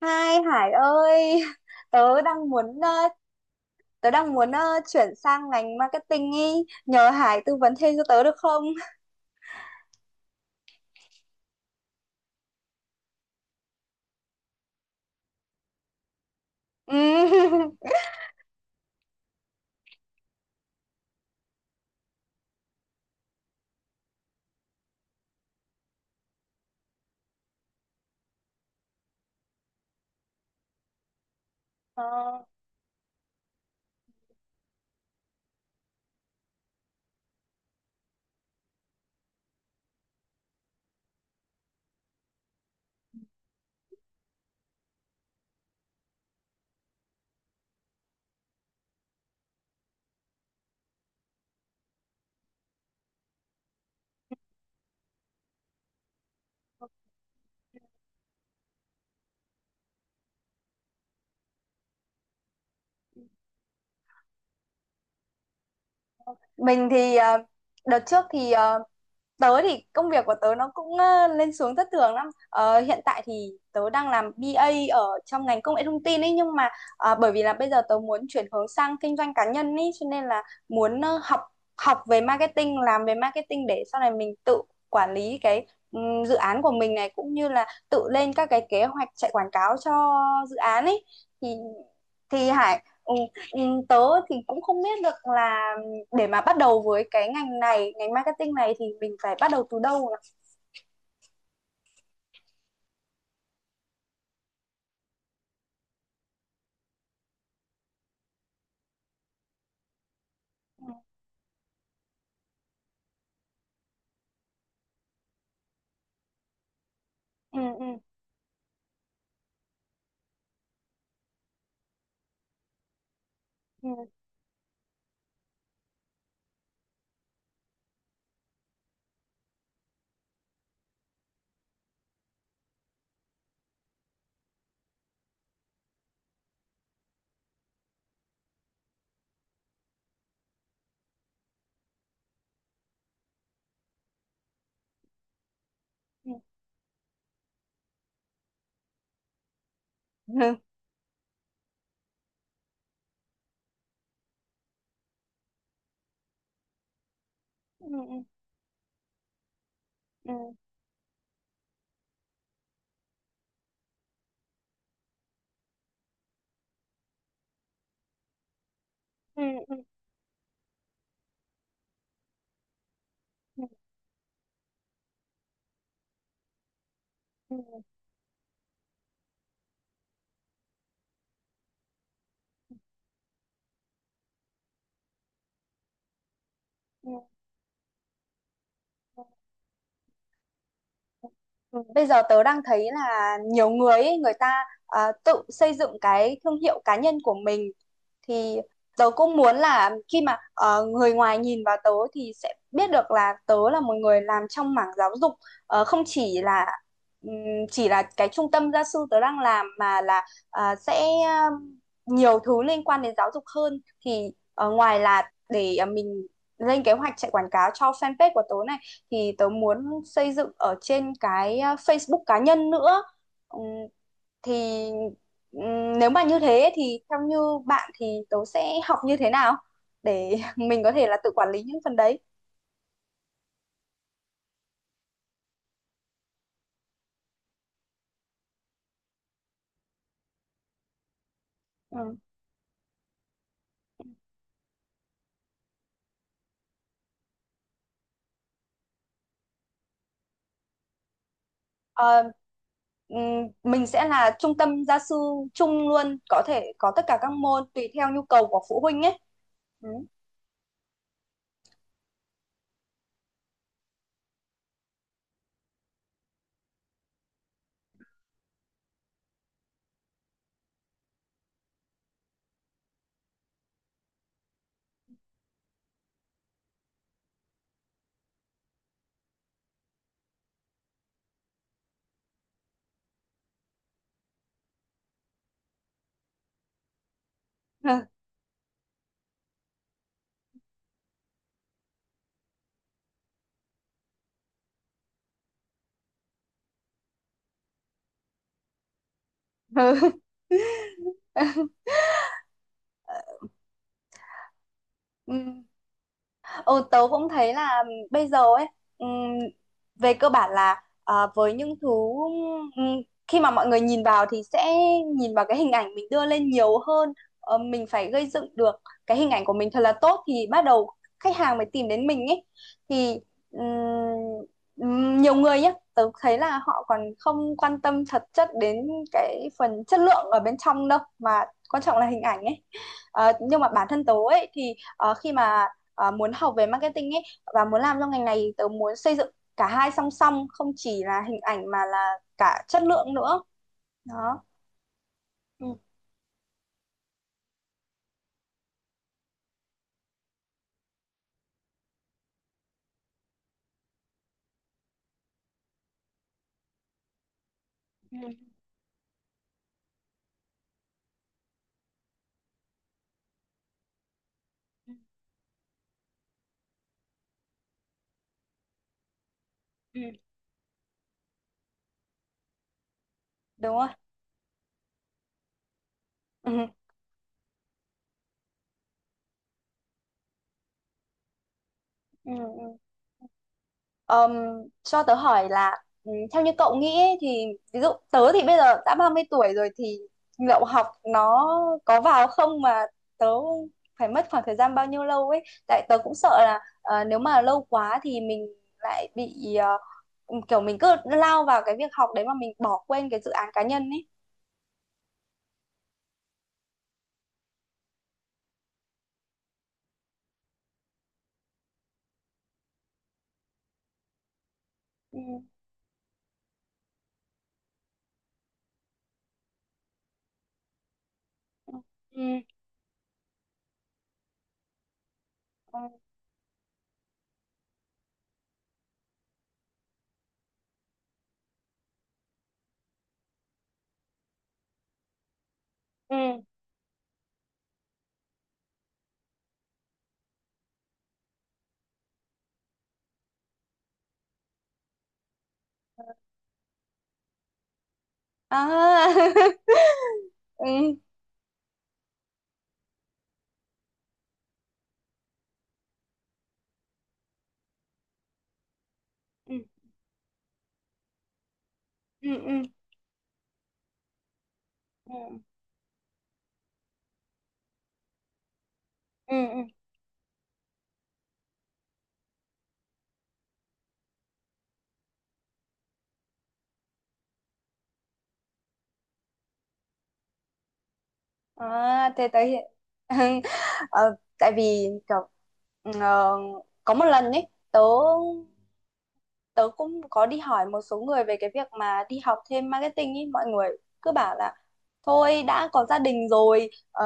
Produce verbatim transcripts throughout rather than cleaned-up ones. Hai Hải ơi, tớ đang muốn ờ, tớ đang muốn ờ, chuyển sang ngành marketing ý, nhờ Hải tư vấn thêm cho tớ được không? Ừ. Ờ, ok. Mình thì ờ, đợt trước thì ờ, tớ thì công việc của tớ nó cũng ờ, lên xuống thất thường lắm. Ờ, hiện tại thì tớ đang làm bê A ở trong ngành công nghệ thông tin ấy, nhưng mà ờ, bởi vì là bây giờ tớ muốn chuyển hướng sang kinh doanh cá nhân ấy, cho nên là muốn ờ, học học về marketing, làm về marketing để sau này mình tự quản lý cái ừm, dự án của mình này, cũng như là tự lên các cái kế hoạch chạy quảng cáo cho dự án ấy. Thì thì Hải ừ, ừ, tớ thì cũng không biết được là để mà bắt đầu với cái ngành này, ngành marketing này thì mình phải bắt đầu từ đâu nhỉ? Ừ ừ. Ừ. Ừ. Ừ. Ừ. Ừ. Ừ. Ừ. Ừ. Ừ. Ừ. Ừ. Ừ, bây giờ tớ đang thấy là nhiều người ấy, người ta à, tự xây dựng cái thương hiệu cá nhân của mình thì tớ cũng muốn là khi mà ờ, người ngoài nhìn vào tớ thì sẽ biết được là tớ là một người làm trong mảng giáo dục. Ờ, không chỉ là ừm, chỉ là cái trung tâm gia sư tớ đang làm, mà là à, sẽ um, nhiều thứ liên quan đến giáo dục hơn. Thì ờ, ngoài là để ờ, mình lên kế hoạch chạy quảng cáo cho fanpage của tớ này, thì tớ muốn xây dựng ở trên cái à, Facebook cá nhân nữa. Ừm, thì ừm, nếu mà như thế thì theo như bạn thì tớ sẽ học như thế nào để mình có thể là tự quản lý những phần đấy. Ừ. Ờ, ừm, mình sẽ là trung tâm gia sư chung luôn, có thể có tất cả các môn tùy theo nhu cầu của phụ huynh ấy. Ừ. Ừ. Ừ. Ừ, tớ cũng thấy là bây giờ ấy ừm, về cơ bản là ờ, với những thứ ừm, khi mà mọi người nhìn vào thì sẽ nhìn vào cái hình ảnh mình đưa lên nhiều hơn. Ờ, mình phải gây dựng được cái hình ảnh của mình thật là tốt thì bắt đầu khách hàng mới tìm đến mình ấy. Thì ừm, ừm, nhiều người nhé, tớ thấy là họ còn không quan tâm thật chất đến cái phần chất lượng ở bên trong đâu, mà quan trọng là hình ảnh ấy. Ờ, nhưng mà bản thân tớ ấy thì ờ, khi mà à, muốn học về marketing ấy và muốn làm trong ngành này thì tớ muốn xây dựng cả hai song song, không chỉ là hình ảnh mà là cả chất lượng nữa. Đó. Ừ. Ừ. Ừ. Đúng rồi. Ừ. Ừ. Ừ. Ờm, cho tớ hỏi là ừ, theo như cậu nghĩ ấy, thì ví dụ tớ thì bây giờ đã ba mươi tuổi rồi thì lậu học nó có vào không, mà tớ phải mất khoảng thời gian bao nhiêu lâu ấy, tại tớ cũng sợ là ờ, nếu mà lâu quá thì mình lại bị ờ, kiểu mình cứ lao vào cái việc học đấy mà mình bỏ quên cái dự án cá nhân ấy. Ừ. Ừ. Ừ. Ừ. À. Ừ. Ừ. Ừ. Ừ. Ừ. Ừ. À, thế tới hiện. Ờ, tại vì kiểu ờ, có một lần ấy tớ, tớ cũng có đi hỏi một số người về cái việc mà đi học thêm marketing ấy, mọi người cứ bảo là thôi đã có gia đình rồi, ờ,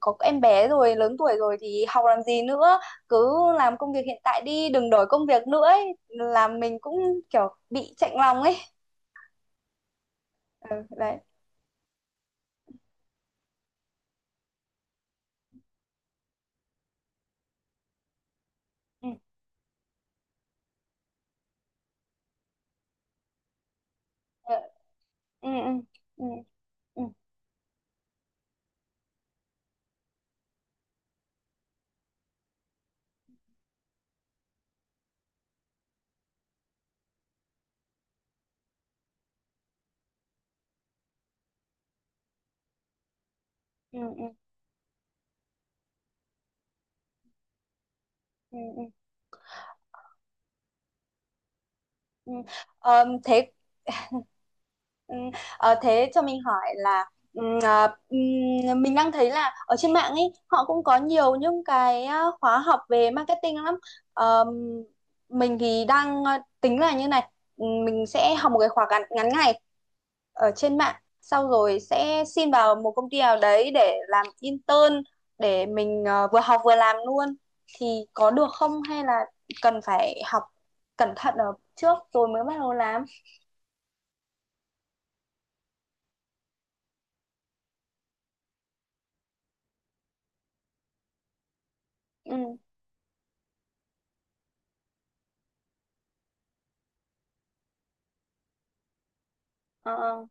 có em bé rồi, lớn tuổi rồi thì học làm gì nữa, cứ làm công việc hiện tại đi, đừng đổi công việc nữa ấy, làm mình cũng kiểu bị chạnh lòng ấy. Ừ, đấy. Ừ, ừ, ừ, ừ, ừ, ừ, ừ, ừ, ừ. Ừ. Ờ, thế. Ừ, ờ, thế cho mình hỏi là ừm, à, ừm, mình đang thấy là ở trên mạng ấy họ cũng có nhiều những cái à, khóa học về marketing lắm. Ờm, mình thì đang à, tính là như này, ừm, mình sẽ học một cái khóa ngắn, ngắn ngày ở trên mạng, sau rồi sẽ xin vào một công ty nào đấy để làm intern để mình à, vừa học vừa làm luôn. Thì có được không, hay là cần phải học cẩn thận ở trước rồi mới bắt đầu làm? Ừ. Ờ. Ờ.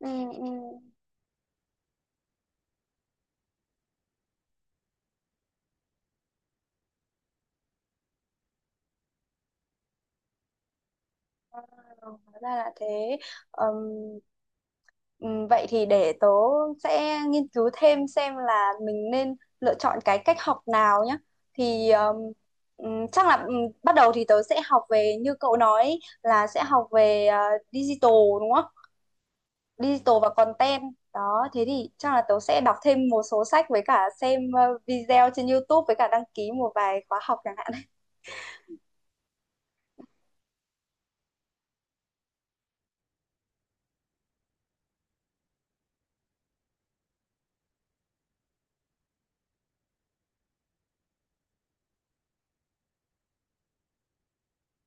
Ừ, ừ. Ừ, hóa ra là thế. Ừm, ừm, Vậy thì để tớ sẽ nghiên cứu thêm xem là mình nên lựa chọn cái cách học nào nhé. Thì ừm, ừm, Chắc là ừm, bắt đầu thì tớ sẽ học về như cậu nói là sẽ học về ờ, digital, đúng không? Digital và content. Đó, thế thì chắc là tớ sẽ đọc thêm một số sách, với cả xem ờ, video trên YouTube, với cả đăng ký một vài khóa học chẳng hạn.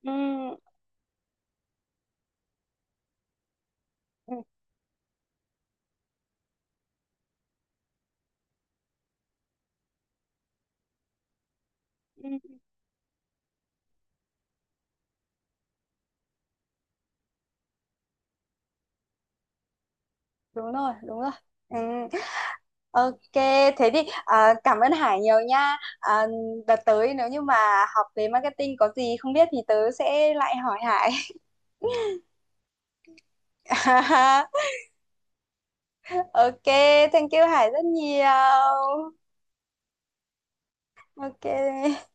Ừ, ừ, ừ. Đúng rồi, đúng rồi. Ừ. Ok, thế thì à, cảm ơn Hải nhiều nha. À, đợt tới nếu như mà học về marketing có gì không biết thì tớ sẽ lại hỏi Hải. Ok, thank you Hải rất nhiều. Ok.